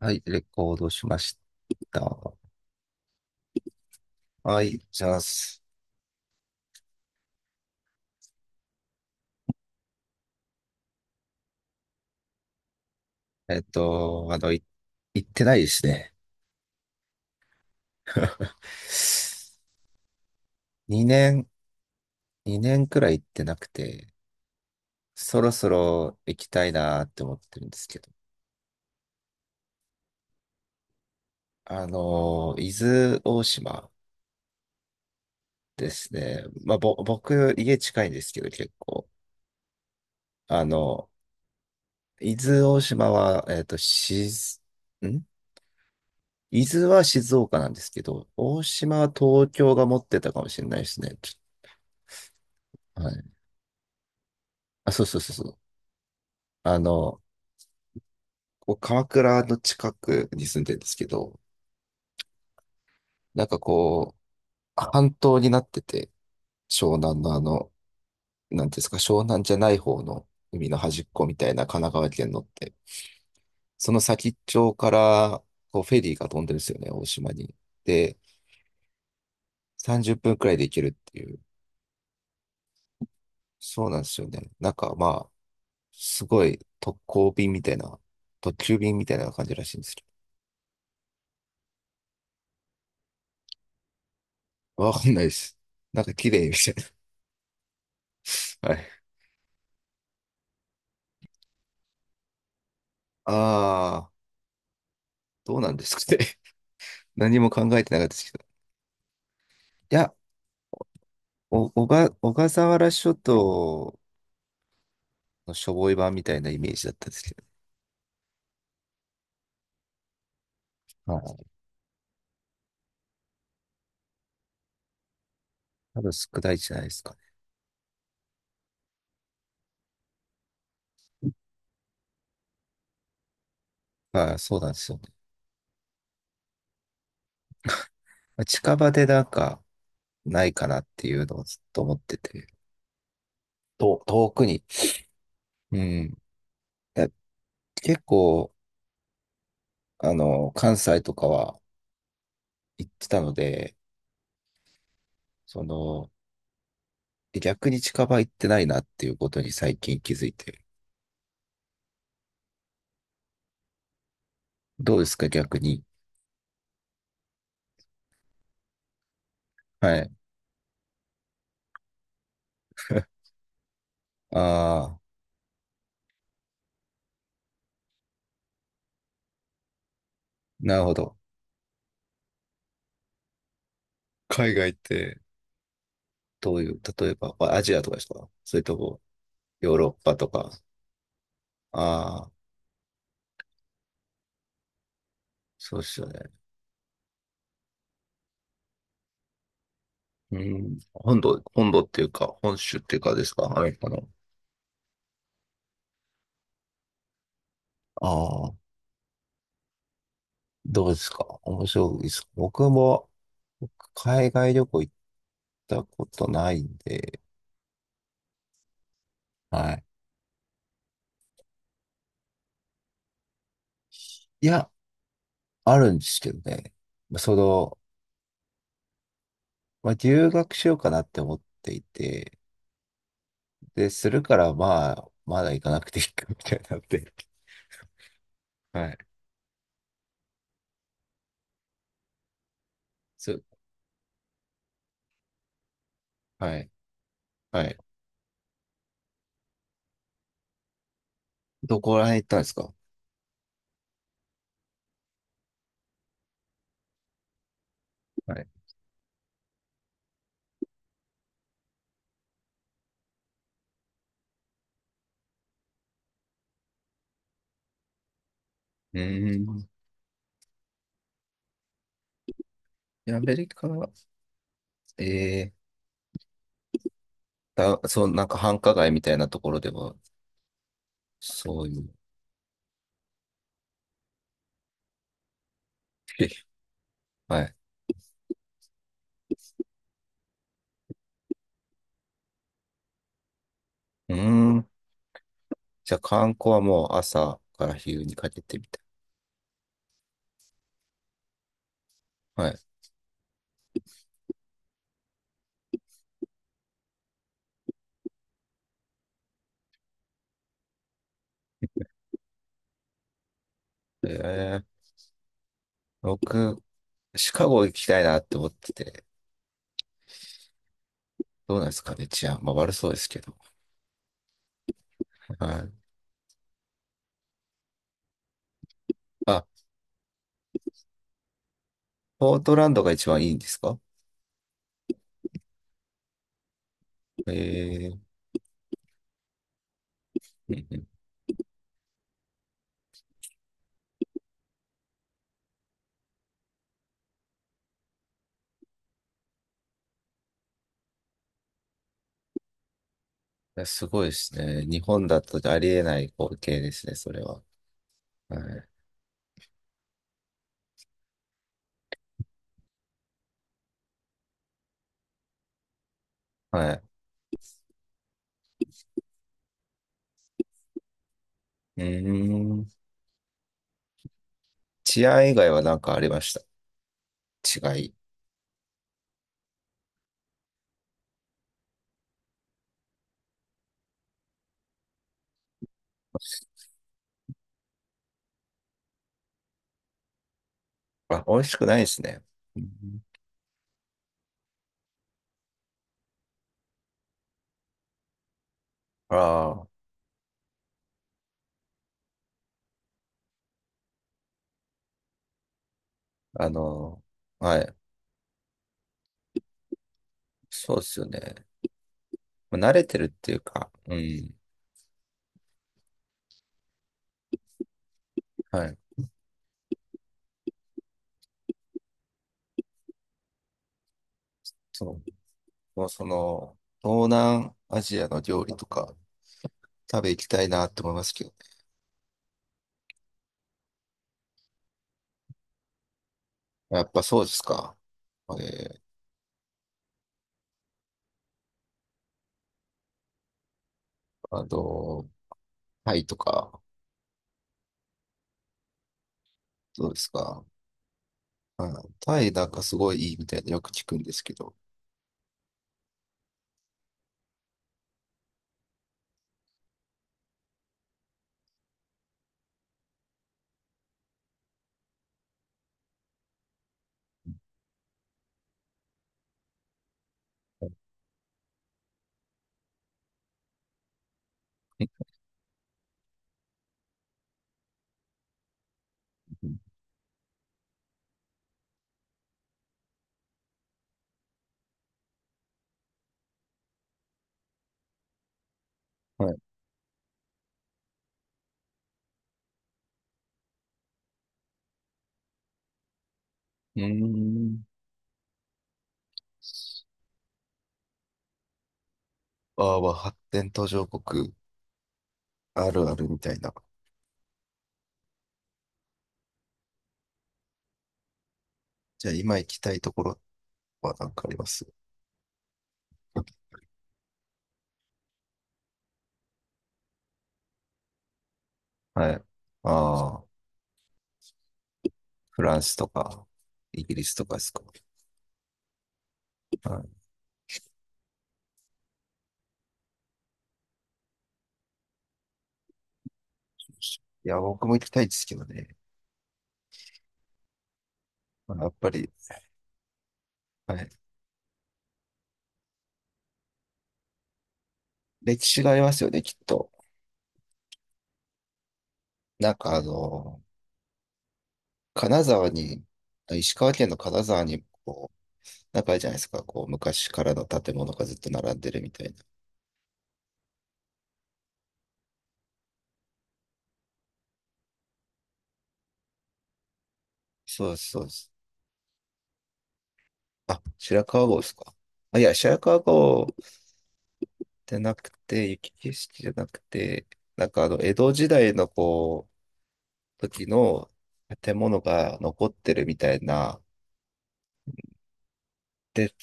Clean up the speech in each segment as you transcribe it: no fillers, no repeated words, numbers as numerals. はい、レコードしました。はい、じゃあ、えっと、あの、い、行ってないですね。2年、2年くらい行ってなくて、そろそろ行きたいなって思ってるんですけど。伊豆大島ですね。まあ、僕、家近いんですけど、結構。あの、伊豆大島は、えっと、しず、ん伊豆は静岡なんですけど、大島は東京が持ってたかもしれないですね。はい。あ、そうそうそう。あの、こう鎌倉の近くに住んでるんですけど、なんかこう、半島になってて、湘南のなんていうんですか、湘南じゃない方の海の端っこみたいな神奈川県のって、その先っちょから、こう、フェリーが飛んでるんですよね、大島に。で、30分くらいで行けるっていう。そうなんですよね。なんかまあ、すごい特攻便みたいな、特急便みたいな感じらしいんですけど。わかんないです。なんか綺麗みたいな。はい。あ、どうなんですかね。何も考えてなかったですけど。いや、お、小が、小笠原諸島のしょぼい版みたいなイメージだったんですけど。はい。多分少ないじゃないですかね。まあ、そうなんですよね。まあ近場でなんか、ないかなっていうのをずっと思ってて。遠くに。うん。や結構、関西とかは行ってたので、その、逆に近場行ってないなっていうことに最近気づいて。どうですか、逆に。はい。ああ。なるほど。海外って、どういう、例えば、まあアジアとかですか？それとも、ヨーロッパとか。ああ、そうですよね。うん。本土っていうか、本州っていうかですか？アメリカの。ああ、どうですか？面白いです？僕海外旅行行ったことないんで、はい。いや、あるんですけどね。その、まあ、留学しようかなって思っていて、で、するから、まあ、まだ行かなくていいかみたいになって。はい。そ、はい。はい。どこら辺行ったんですか？はい。うーん。アメリカ、えそう、なんか繁華街みたいなところでは、そういう。えはい。うーん。じゃあ観光はもう朝から昼にかけてみたい。はい。えー、僕、シカゴ行きたいなって思ってて、どうなんですかね、治安。まあ悪そうですけど。はい。あ、ポートランドが一番いいんですか？えー、うんうん。いや、すごいですね。日本だとありえない光景ですね、それは。はいはい。うーん。治安以外は何かありました？違い。あ、美味しくないですね。うん。ああ、はい。そうですよね。まあ慣れてるっていうか、うん。はい。そう。もうその、東南アジアの料理とか食べ行きたいなって思いますけどね。やっぱそうですか。えー、あの、タイとか、どうですか？うん。タイなんかすごいいいみたいなよく聞くんですけど。うん、はい。うーん。あー、は発展途上国あるあるみたいな。じゃあ今行きたいところは何かあります？はい。ああ、フランスとか、イギリスとかですか？はい。いや、僕も行きたいですけどね。まあやっぱり、はい。歴史がありますよね、きっと。なんか金沢に、石川県の金沢に、こう、なんかあるじゃないですか。こう、昔からの建物がずっと並んでるみたいな。そうです、そうです。あ、白川郷ですか？あ、いや、白川郷じゃなくて、雪景色じゃなくて、なんか江戸時代のこう、時の建物が残ってるみたいな。で、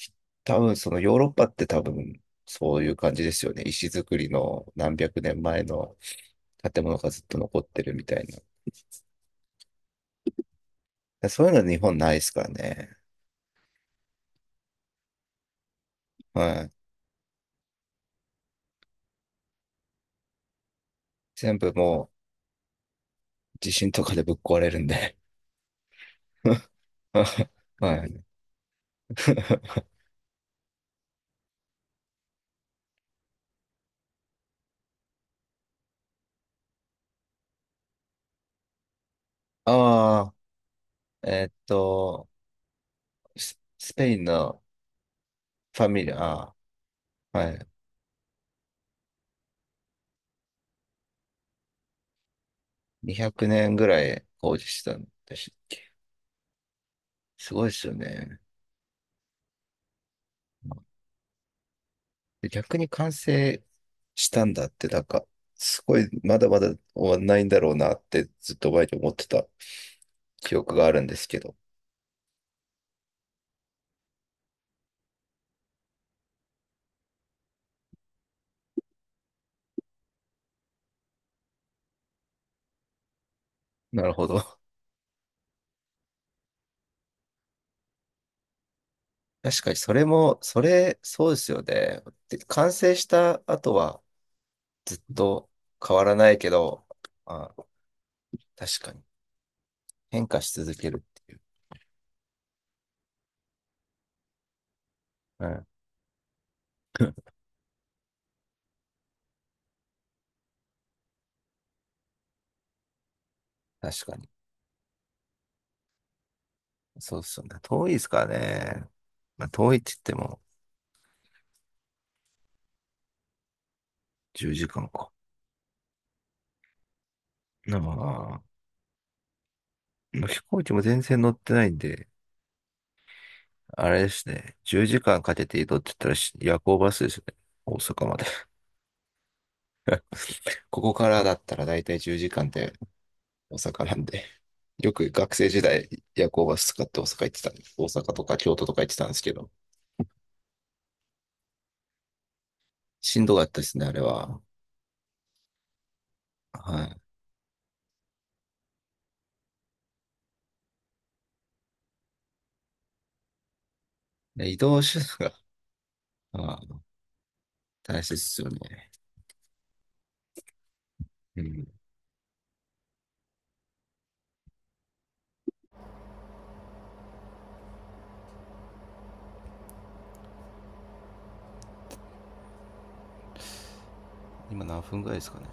多分そのヨーロッパって多分そういう感じですよね。石造りの何百年前の建物がずっと残ってるみたいな。でそういうのは日本ないですからね。はい。全部もう地震とかでぶっ壊れるんで。はい。ああ、えっと、スペインのファミリア。はい。200年ぐらい工事したんでしたっけ？すごいですよね。で逆に完成したんだって、なんか、すごい、まだまだ終わんないんだろうなって、ずっと前に思ってた記憶があるんですけど。なるほど。確かに、それも、そうですよね。で、完成した後は、ずっと変わらないけど、まあ、確かに、変化し続けるっていう。うん。確かに。そうですよね。遠いですからね。まあ、遠いって言っても、10時間かんか。まあ、飛行機も全然乗ってないんで、あれですね。10時間かんかけて移動って言ったら夜行バスですね。大阪まで。ここからだったら大体10時間で大阪なんで。よく学生時代夜行バス使って大阪行ってたんです。大阪とか京都とか行ってたんですけど。しんどかったですね、あれは。はい。で移動手段が、まあ、大切ですよね。うん。今何分ぐらいですかね？